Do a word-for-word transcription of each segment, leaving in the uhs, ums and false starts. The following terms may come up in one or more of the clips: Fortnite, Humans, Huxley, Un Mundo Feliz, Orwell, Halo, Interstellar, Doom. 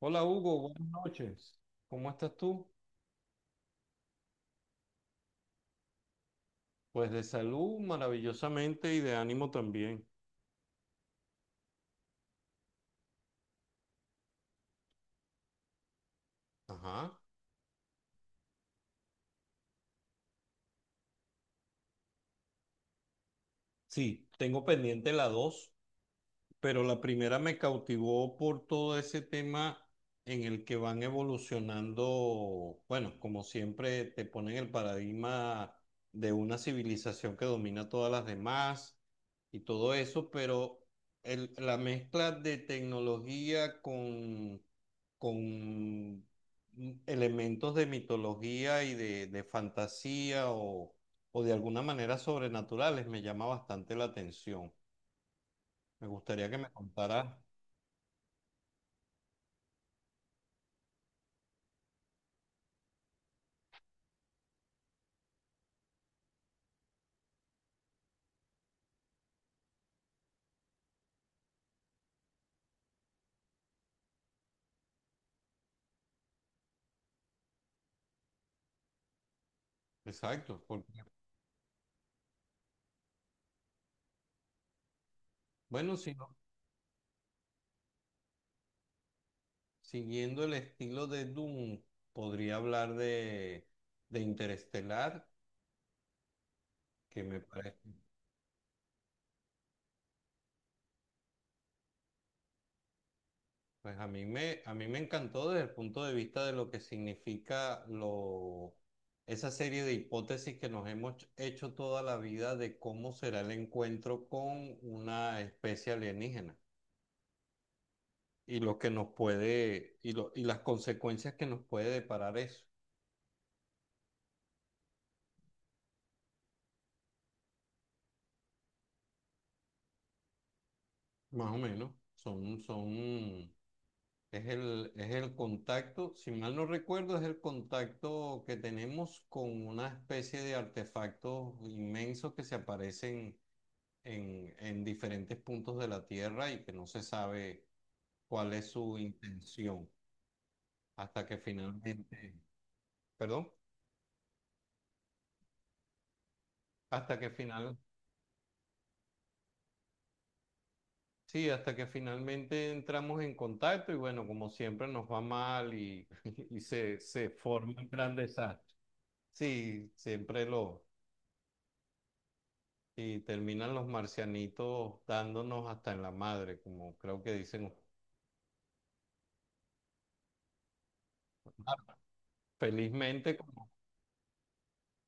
Hola Hugo, buenas noches. ¿Cómo estás tú? Pues de salud maravillosamente y de ánimo también. Ajá. Sí, tengo pendiente la dos. Pero la primera me cautivó por todo ese tema en el que van evolucionando, bueno, como siempre te ponen el paradigma de una civilización que domina todas las demás y todo eso, pero el- la mezcla de tecnología con, con elementos de mitología y de, de fantasía o, o de alguna manera sobrenaturales me llama bastante la atención. Me gustaría que me contaras... Exacto. porque- bueno, si no- siguiendo el estilo de Doom, podría hablar de, de Interestelar, que me parece... Pues a mí me, a mí me encantó desde el punto de vista de lo que significa lo, esa serie de hipótesis que nos hemos hecho toda la vida de cómo será el encuentro con una especie alienígena y lo que nos puede, y, lo, y las consecuencias que nos puede deparar eso. Más o menos. Son, son Es el, es el contacto, si mal no recuerdo, es el contacto que tenemos con una especie de artefactos inmensos que se aparecen en, en diferentes puntos de la Tierra y que no se sabe cuál es su intención hasta que finalmente, perdón, hasta que final, sí, hasta que finalmente entramos en contacto y bueno, como siempre nos va mal y, y se, se forma un gran desastre. Sí, siempre lo, y terminan los marcianitos dándonos hasta en la madre, como creo que dicen ustedes. Claro. Felizmente. como...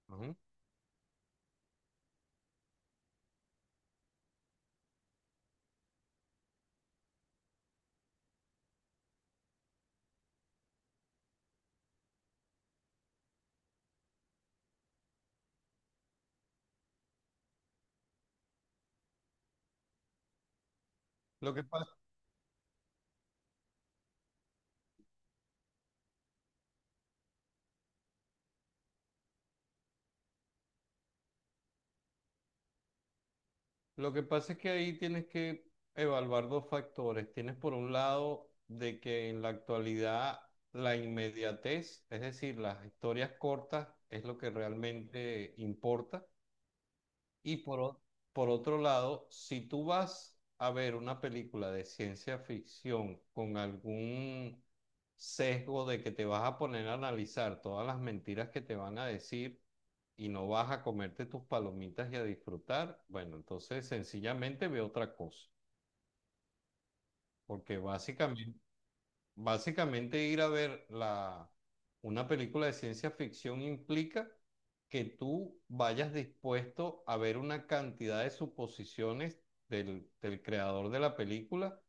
Ujú. Lo que pasa, lo que pasa es que ahí tienes que evaluar dos factores. Tienes por un lado de que en la actualidad la inmediatez, es decir, las historias cortas, es lo que realmente importa. Y por, o- por otro lado, si tú vas a ver una película de ciencia ficción con algún sesgo de que te vas a poner a analizar todas las mentiras que te van a decir y no vas a comerte tus palomitas y a disfrutar, bueno, entonces sencillamente ve otra cosa, porque básicamente Básicamente ir a ver la, una película de ciencia ficción implica que tú vayas dispuesto a ver una cantidad de suposiciones del, del creador de la película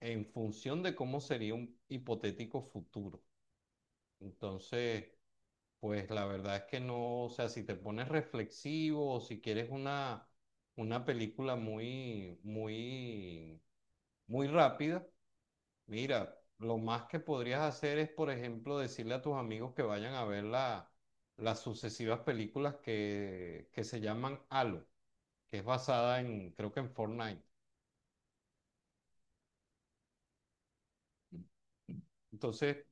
en función de cómo sería un hipotético futuro. Entonces, pues la verdad es que no, o sea, si te pones reflexivo o si quieres una, una película muy, muy, muy rápida. Mira, lo más que podrías hacer es, por ejemplo, decirle a tus amigos que vayan a ver la- las sucesivas películas que, que se llaman Halo, que es basada en, creo que en Fortnite. Entonces...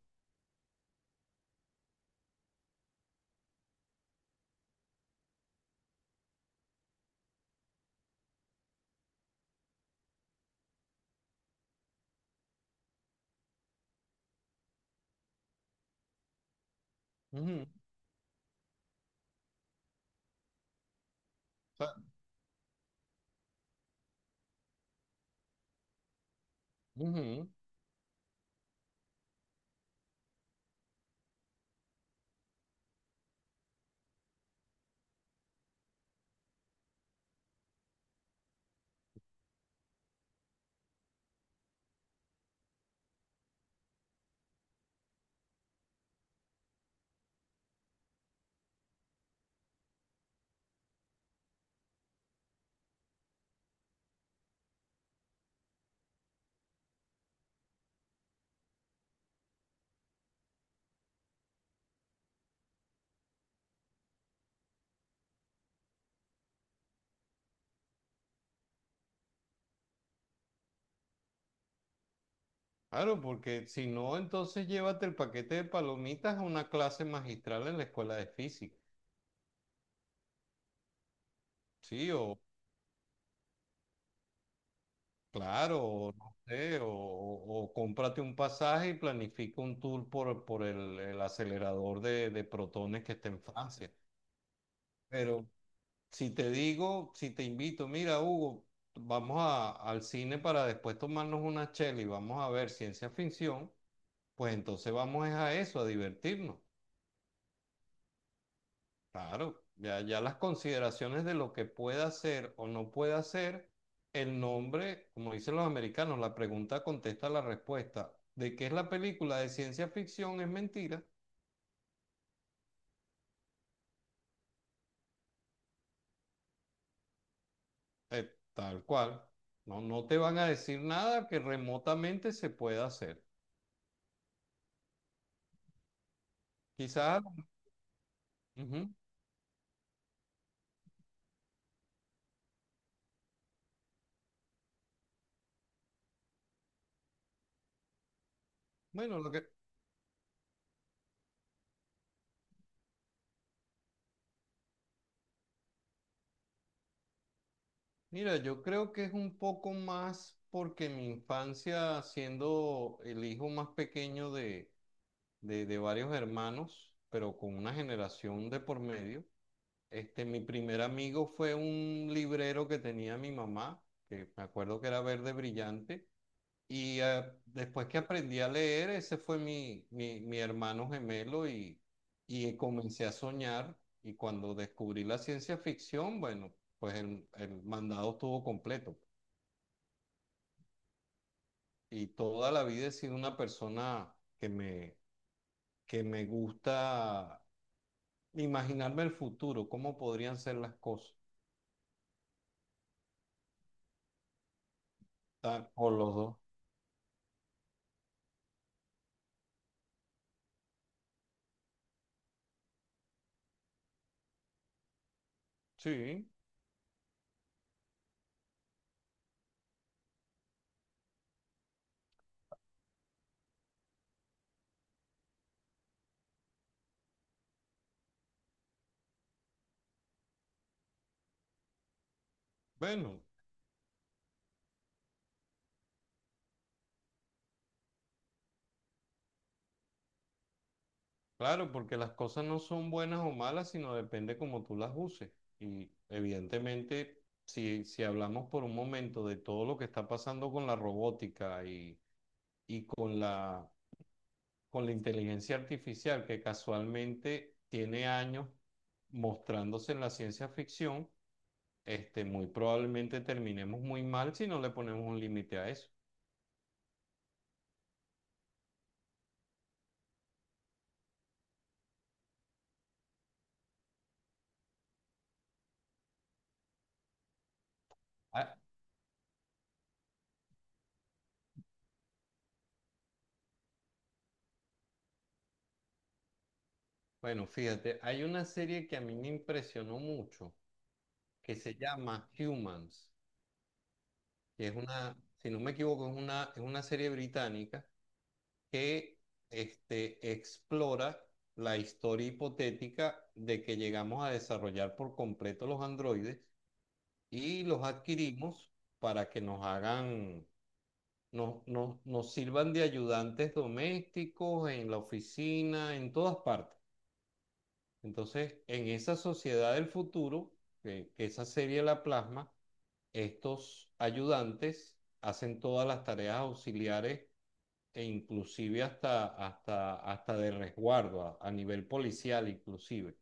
Ujú, o sea, ujú, claro, porque si no, entonces llévate el paquete de palomitas a una clase magistral en la escuela de física. ¿Sí? O, claro, o no sé, o, o o cómprate un pasaje y planifica un tour por, por el, el acelerador de, de protones que está en Francia. Pero si te digo, si te invito, mira, Hugo, vamos a- al cine para después tomarnos una chela y vamos a ver ciencia ficción, pues entonces vamos es a eso, a divertirnos. Claro, ya, ya las consideraciones de lo que pueda hacer o no pueda hacer, el nombre, como dicen los americanos, la pregunta contesta la respuesta. ¿De qué es la película de ciencia ficción? Es mentira. Eh, tal cual. No, no te van a decir nada que remotamente se pueda hacer. Quizás. Ujú. Bueno, lo que, mira, yo creo que es un poco más porque mi infancia, siendo el hijo más pequeño de, de, de varios hermanos, pero con una generación de por medio. Este, mi primer amigo fue un librero que tenía mi mamá, que me acuerdo que era verde brillante, y eh, después que aprendí a leer, ese fue mi, mi, mi hermano gemelo, y, y comencé a soñar. Y cuando descubrí la ciencia ficción, bueno, pues el, el mandado estuvo completo. Y toda la vida he sido una persona que me, que me gusta imaginarme el futuro, cómo podrían ser las cosas. Ah, o los dos. Sí, bueno, claro, porque las cosas no son buenas o malas, sino depende cómo tú las uses. Y evidentemente, si, si hablamos por un momento de todo lo que está pasando con la robótica y, y con la, con la inteligencia artificial, que casualmente tiene años mostrándose en la ciencia ficción, este, muy probablemente terminemos muy mal si no le ponemos un límite a eso. Bueno, fíjate, hay una serie que a mí me impresionó mucho, que se llama Humans, que es una, si no me equivoco, es una, es una serie británica que este, explora la historia hipotética de que llegamos a desarrollar por completo los androides y los adquirimos para que nos hagan, nos, nos, nos sirvan de ayudantes domésticos en la oficina, en todas partes. Entonces, en esa sociedad del futuro, que, que esa serie la plasma, estos ayudantes hacen todas las tareas auxiliares e inclusive hasta, hasta, hasta de resguardo, a, a nivel policial inclusive.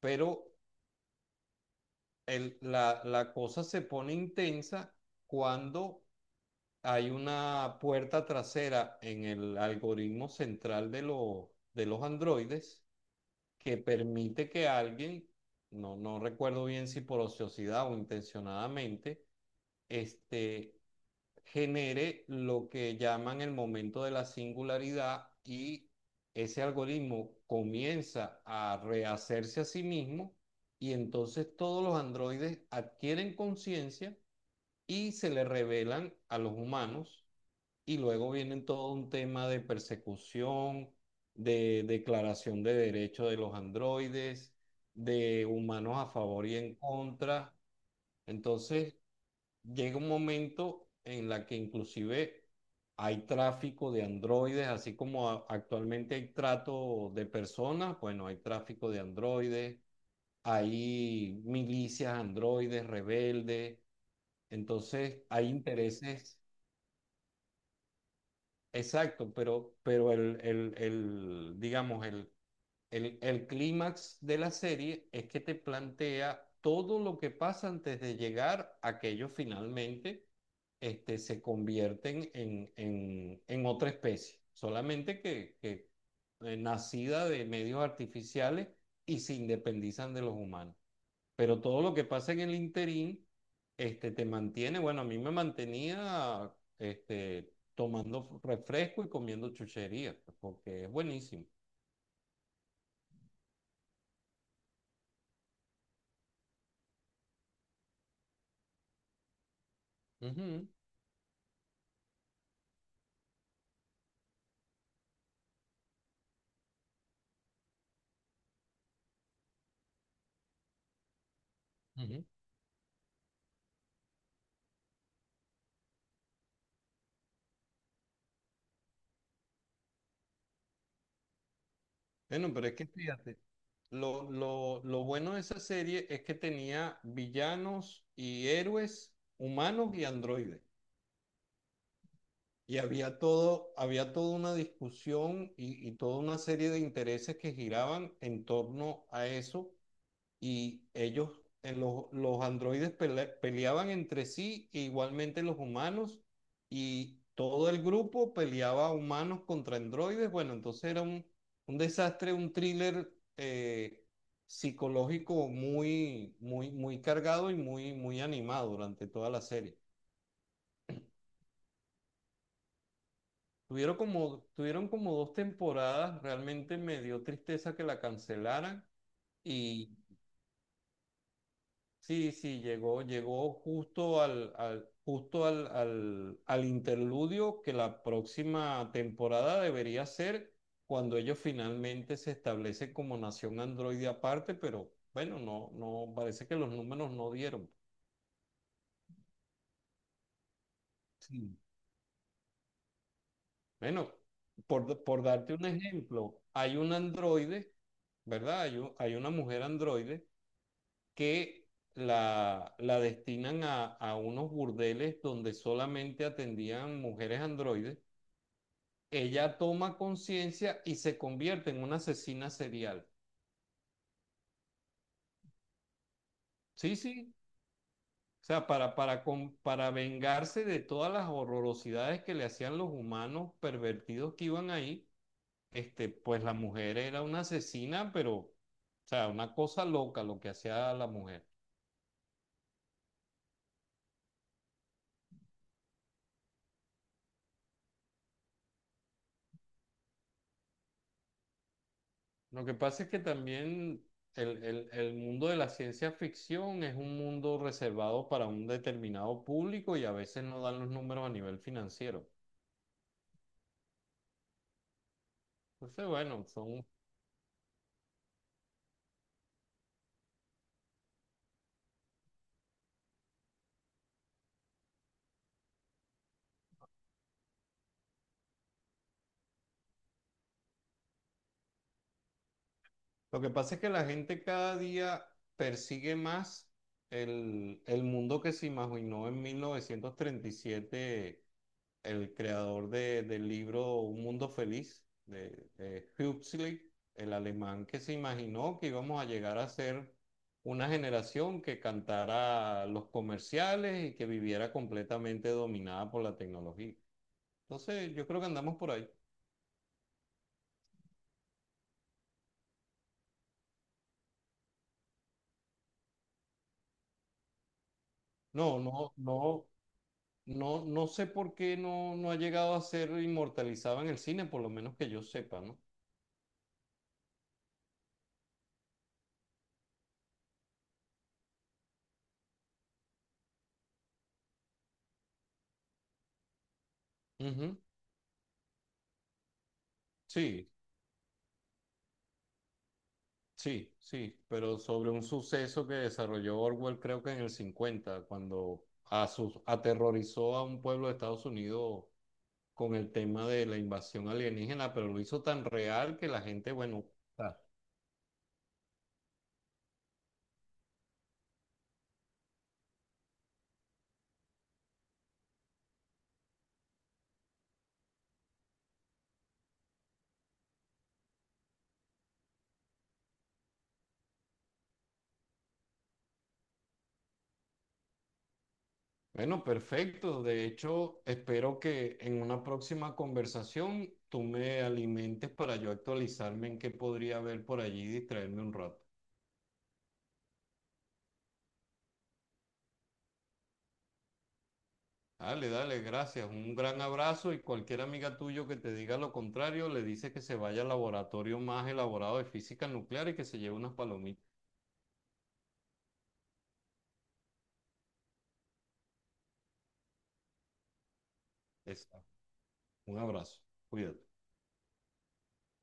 Pero el- la, la cosa se pone intensa cuando hay una puerta trasera en el algoritmo central de, lo- de los androides, que permite que alguien, no, no recuerdo bien si por ociosidad o intencionadamente, este, genere lo que llaman el momento de la singularidad, y ese algoritmo comienza a rehacerse a sí mismo y entonces todos los androides adquieren conciencia y se le revelan a los humanos. Y luego vienen todo un tema de persecución, de declaración de derechos de los androides, de humanos a favor y en contra. Entonces, llega un momento en la que inclusive hay tráfico de androides, así como a- actualmente hay trato de personas. Bueno, hay tráfico de androides, hay milicias androides, rebeldes, entonces hay intereses. Exacto, pero, pero el, el- el, digamos, el, el, el clímax de la serie es que te plantea todo lo que pasa antes de llegar a que ellos finalmente este, se convierten en, en- en otra especie, solamente que, que, eh, nacida de medios artificiales, y se independizan de los humanos. Pero todo lo que pasa en el interín este, te mantiene, bueno, a mí me mantenía, este, tomando refresco y comiendo chuchería, pues, porque es buenísimo. Ujú, ujú. Bueno, pero es que fíjate, lo, lo, lo bueno de esa serie es que tenía villanos y héroes humanos y androides. Y había todo, había toda una discusión y, y toda una serie de intereses que giraban en torno a eso. Y ellos, eh, los, los androides pele- peleaban entre sí, e igualmente los humanos, y todo el grupo peleaba humanos contra androides. Bueno, entonces era un, un desastre, un thriller eh, psicológico muy, muy, muy cargado y muy, muy animado durante toda la serie. Tuvieron como, tuvieron como dos temporadas, realmente me dio tristeza que la cancelaran. Y sí, sí, llegó, llegó justo al, al- justo al, al, al interludio, que la próxima temporada debería ser cuando ellos finalmente se establecen como nación androide aparte, pero bueno, no, no, parece que los números no dieron. Sí. Bueno, por, por darte un ejemplo, hay un androide, ¿verdad? Hay, un- hay una mujer androide que la, la destinan a, a unos burdeles donde solamente atendían mujeres androides, ella toma conciencia y se convierte en una asesina serial. Sí, sí. O sea, para, para, con- para vengarse de todas las horrorosidades que le hacían los humanos pervertidos que iban ahí, este, pues la mujer era una asesina, pero, o sea, una cosa loca lo que hacía la mujer. Lo que pasa es que también el, el- el mundo de la ciencia ficción es un mundo reservado para un determinado público, y a veces no dan los números a nivel financiero. Entonces, bueno. son... Lo que pasa es que la gente cada día persigue más el, el mundo que se imaginó en mil novecientos treinta y siete el creador de- del libro Un Mundo Feliz, de, de Huxley, el alemán que se imaginó que íbamos a llegar a ser una generación que cantara los comerciales y que viviera completamente dominada por la tecnología. Entonces, yo creo que andamos por ahí. No, no, no, no, no sé por qué no, no ha llegado a ser inmortalizado en el cine, por lo menos que yo sepa, ¿no? Ujú, sí. Sí, sí, pero sobre un suceso que desarrolló Orwell creo que en el cincuenta, cuando asu- aterrorizó a un pueblo de Estados Unidos con el tema de la invasión alienígena, pero lo hizo tan real que la gente, bueno... Ah, bueno, perfecto. De hecho, espero que en una próxima conversación tú me alimentes para yo actualizarme en qué podría haber por allí y distraerme un rato. Dale, dale, gracias. Un gran abrazo, y cualquier amiga tuyo que te diga lo contrario, le dice que se vaya al laboratorio más elaborado de física nuclear y que se lleve unas palomitas. Un abrazo. Cuídate.